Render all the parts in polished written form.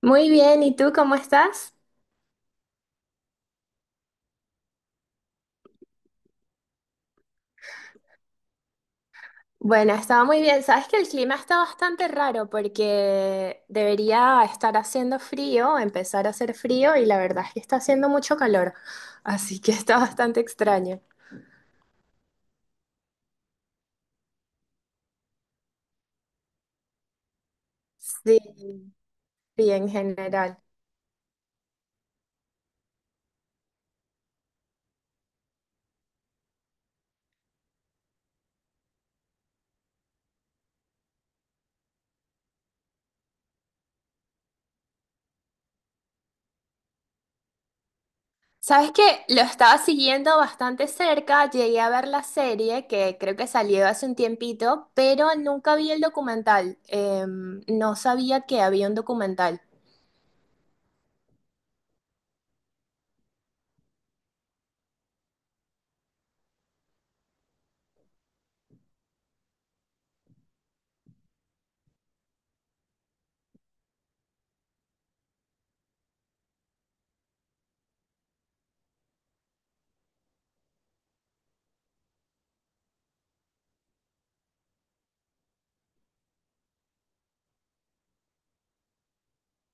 Muy bien, ¿y tú cómo estás? Bueno, estaba muy bien. Sabes que el clima está bastante raro porque debería estar haciendo frío, empezar a hacer frío y la verdad es que está haciendo mucho calor, así que está bastante extraño. Sí, sí, en general. Sabes que lo estaba siguiendo bastante cerca, llegué a ver la serie que creo que salió hace un tiempito, pero nunca vi el documental. No sabía que había un documental.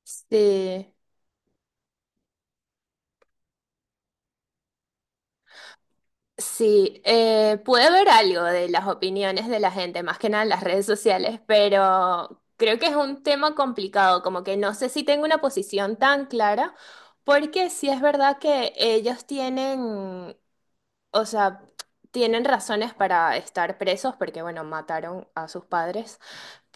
Sí. Sí, pude ver algo de las opiniones de la gente, más que nada en las redes sociales, pero creo que es un tema complicado, como que no sé si tengo una posición tan clara, porque sí es verdad que ellos tienen, o sea, tienen razones para estar presos, porque bueno, mataron a sus padres,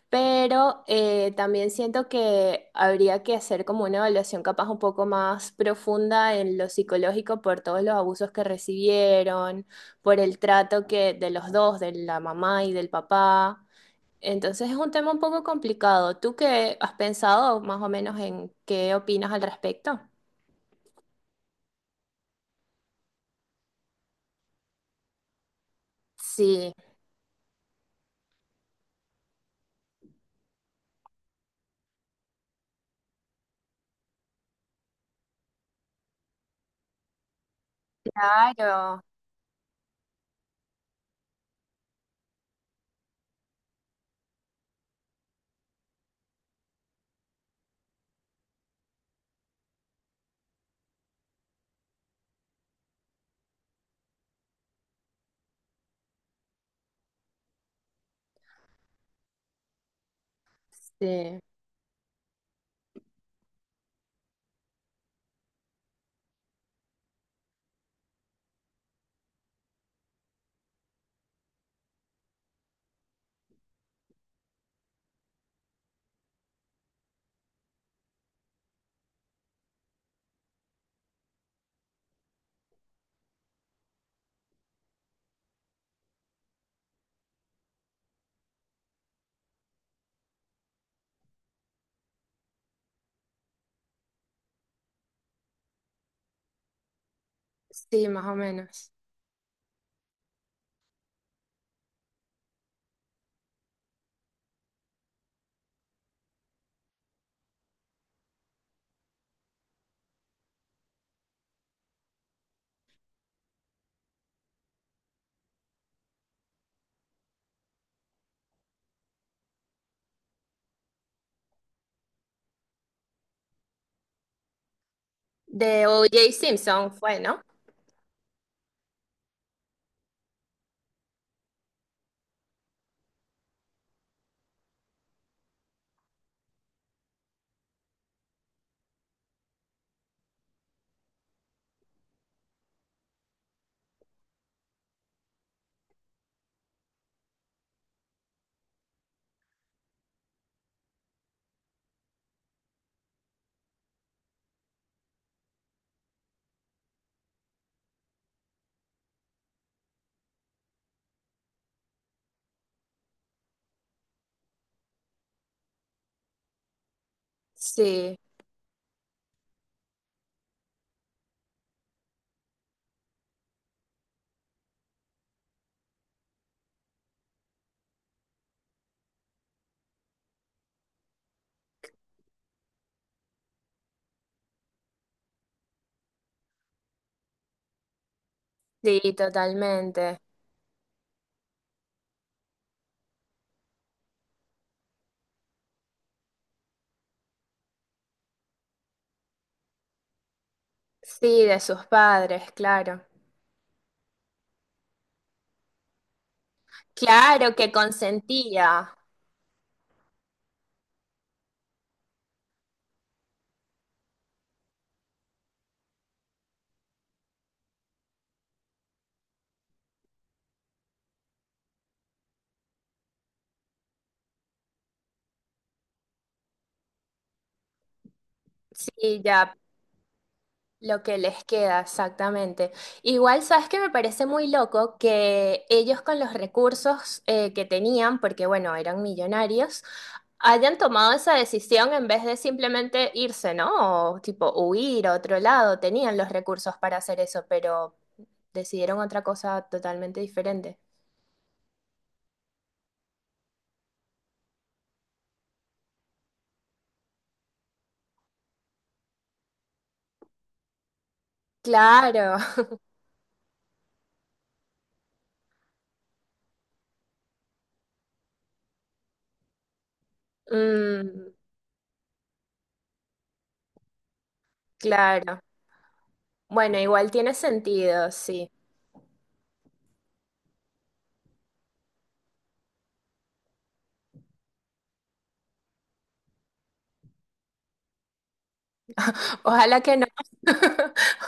pero también siento que habría que hacer como una evaluación capaz un poco más profunda en lo psicológico por todos los abusos que recibieron, por el trato que de los dos, de la mamá y del papá. Entonces es un tema un poco complicado. ¿Tú qué has pensado más o menos en qué opinas al respecto? Sí, claro. Sí, sí, más o menos. De O.J. Simpson fue, ¿no? Sí, sí, totalmente. Sí, de sus padres, claro. Claro que consentía, sí, ya lo que les queda, exactamente. Igual, sabes que me parece muy loco que ellos con los recursos que tenían, porque bueno, eran millonarios, hayan tomado esa decisión en vez de simplemente irse, ¿no? O tipo huir a otro lado, tenían los recursos para hacer eso, pero decidieron otra cosa totalmente diferente. Claro. mm, claro. Bueno, igual tiene sentido, sí. Ojalá que no.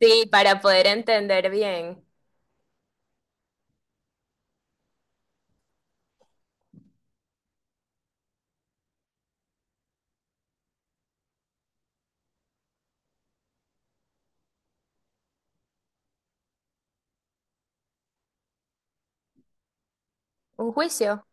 Sí, para poder entender bien. ¿Un juicio?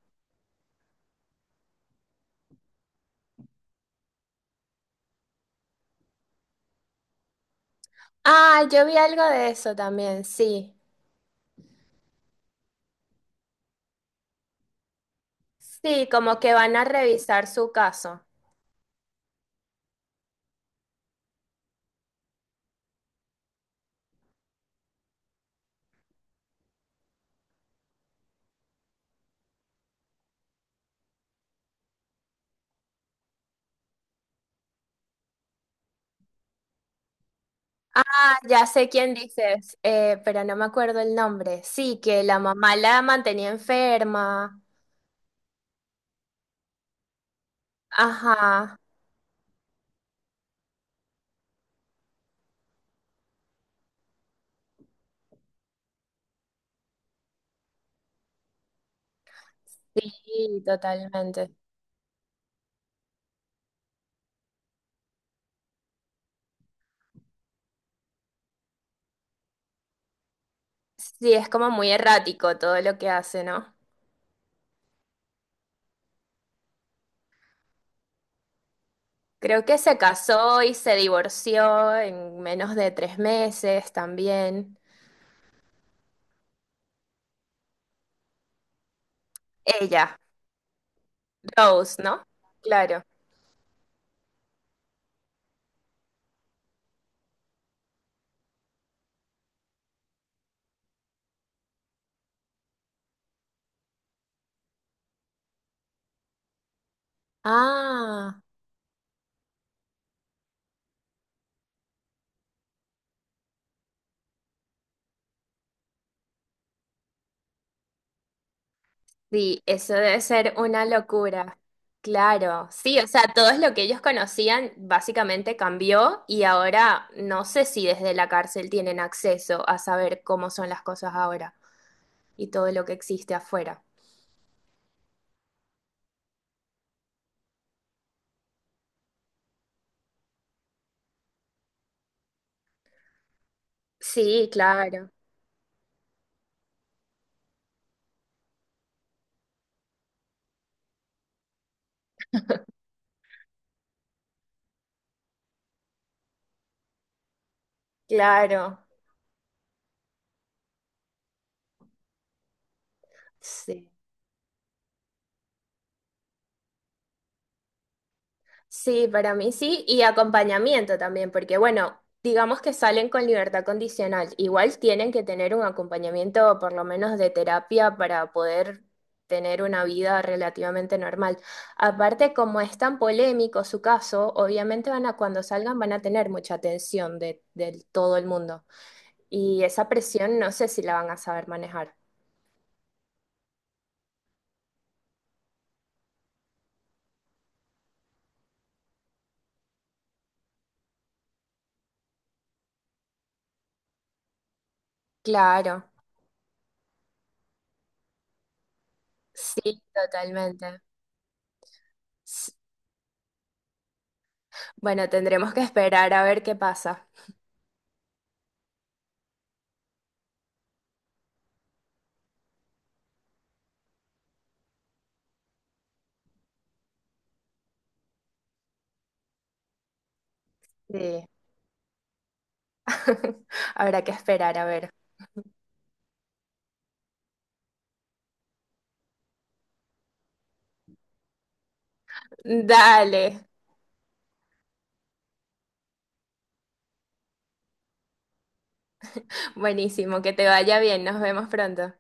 Ah, yo vi algo de eso también, sí. Sí, como que van a revisar su caso. Ah, ya sé quién dices, pero no me acuerdo el nombre. Sí, que la mamá la mantenía enferma. Ajá, sí, totalmente. Sí, es como muy errático todo lo que hace, ¿no? Creo que se casó y se divorció en menos de 3 meses también. Ella, Rose, ¿no? Claro. Ah, sí, eso debe ser una locura. Claro, sí, o sea, todo es lo que ellos conocían básicamente cambió y ahora no sé si desde la cárcel tienen acceso a saber cómo son las cosas ahora y todo lo que existe afuera. Sí, claro, claro. Sí. Sí, para mí sí, y acompañamiento también, porque bueno, digamos que salen con libertad condicional, igual tienen que tener un acompañamiento por lo menos de terapia para poder tener una vida relativamente normal. Aparte, como es tan polémico su caso, obviamente van a, cuando salgan van a tener mucha atención de todo el mundo y esa presión no sé si la van a saber manejar. Claro, sí, totalmente. S- Bueno, tendremos que esperar a ver qué pasa. Sí. Habrá que esperar, a ver. Dale. Buenísimo, que te vaya bien. Nos vemos pronto.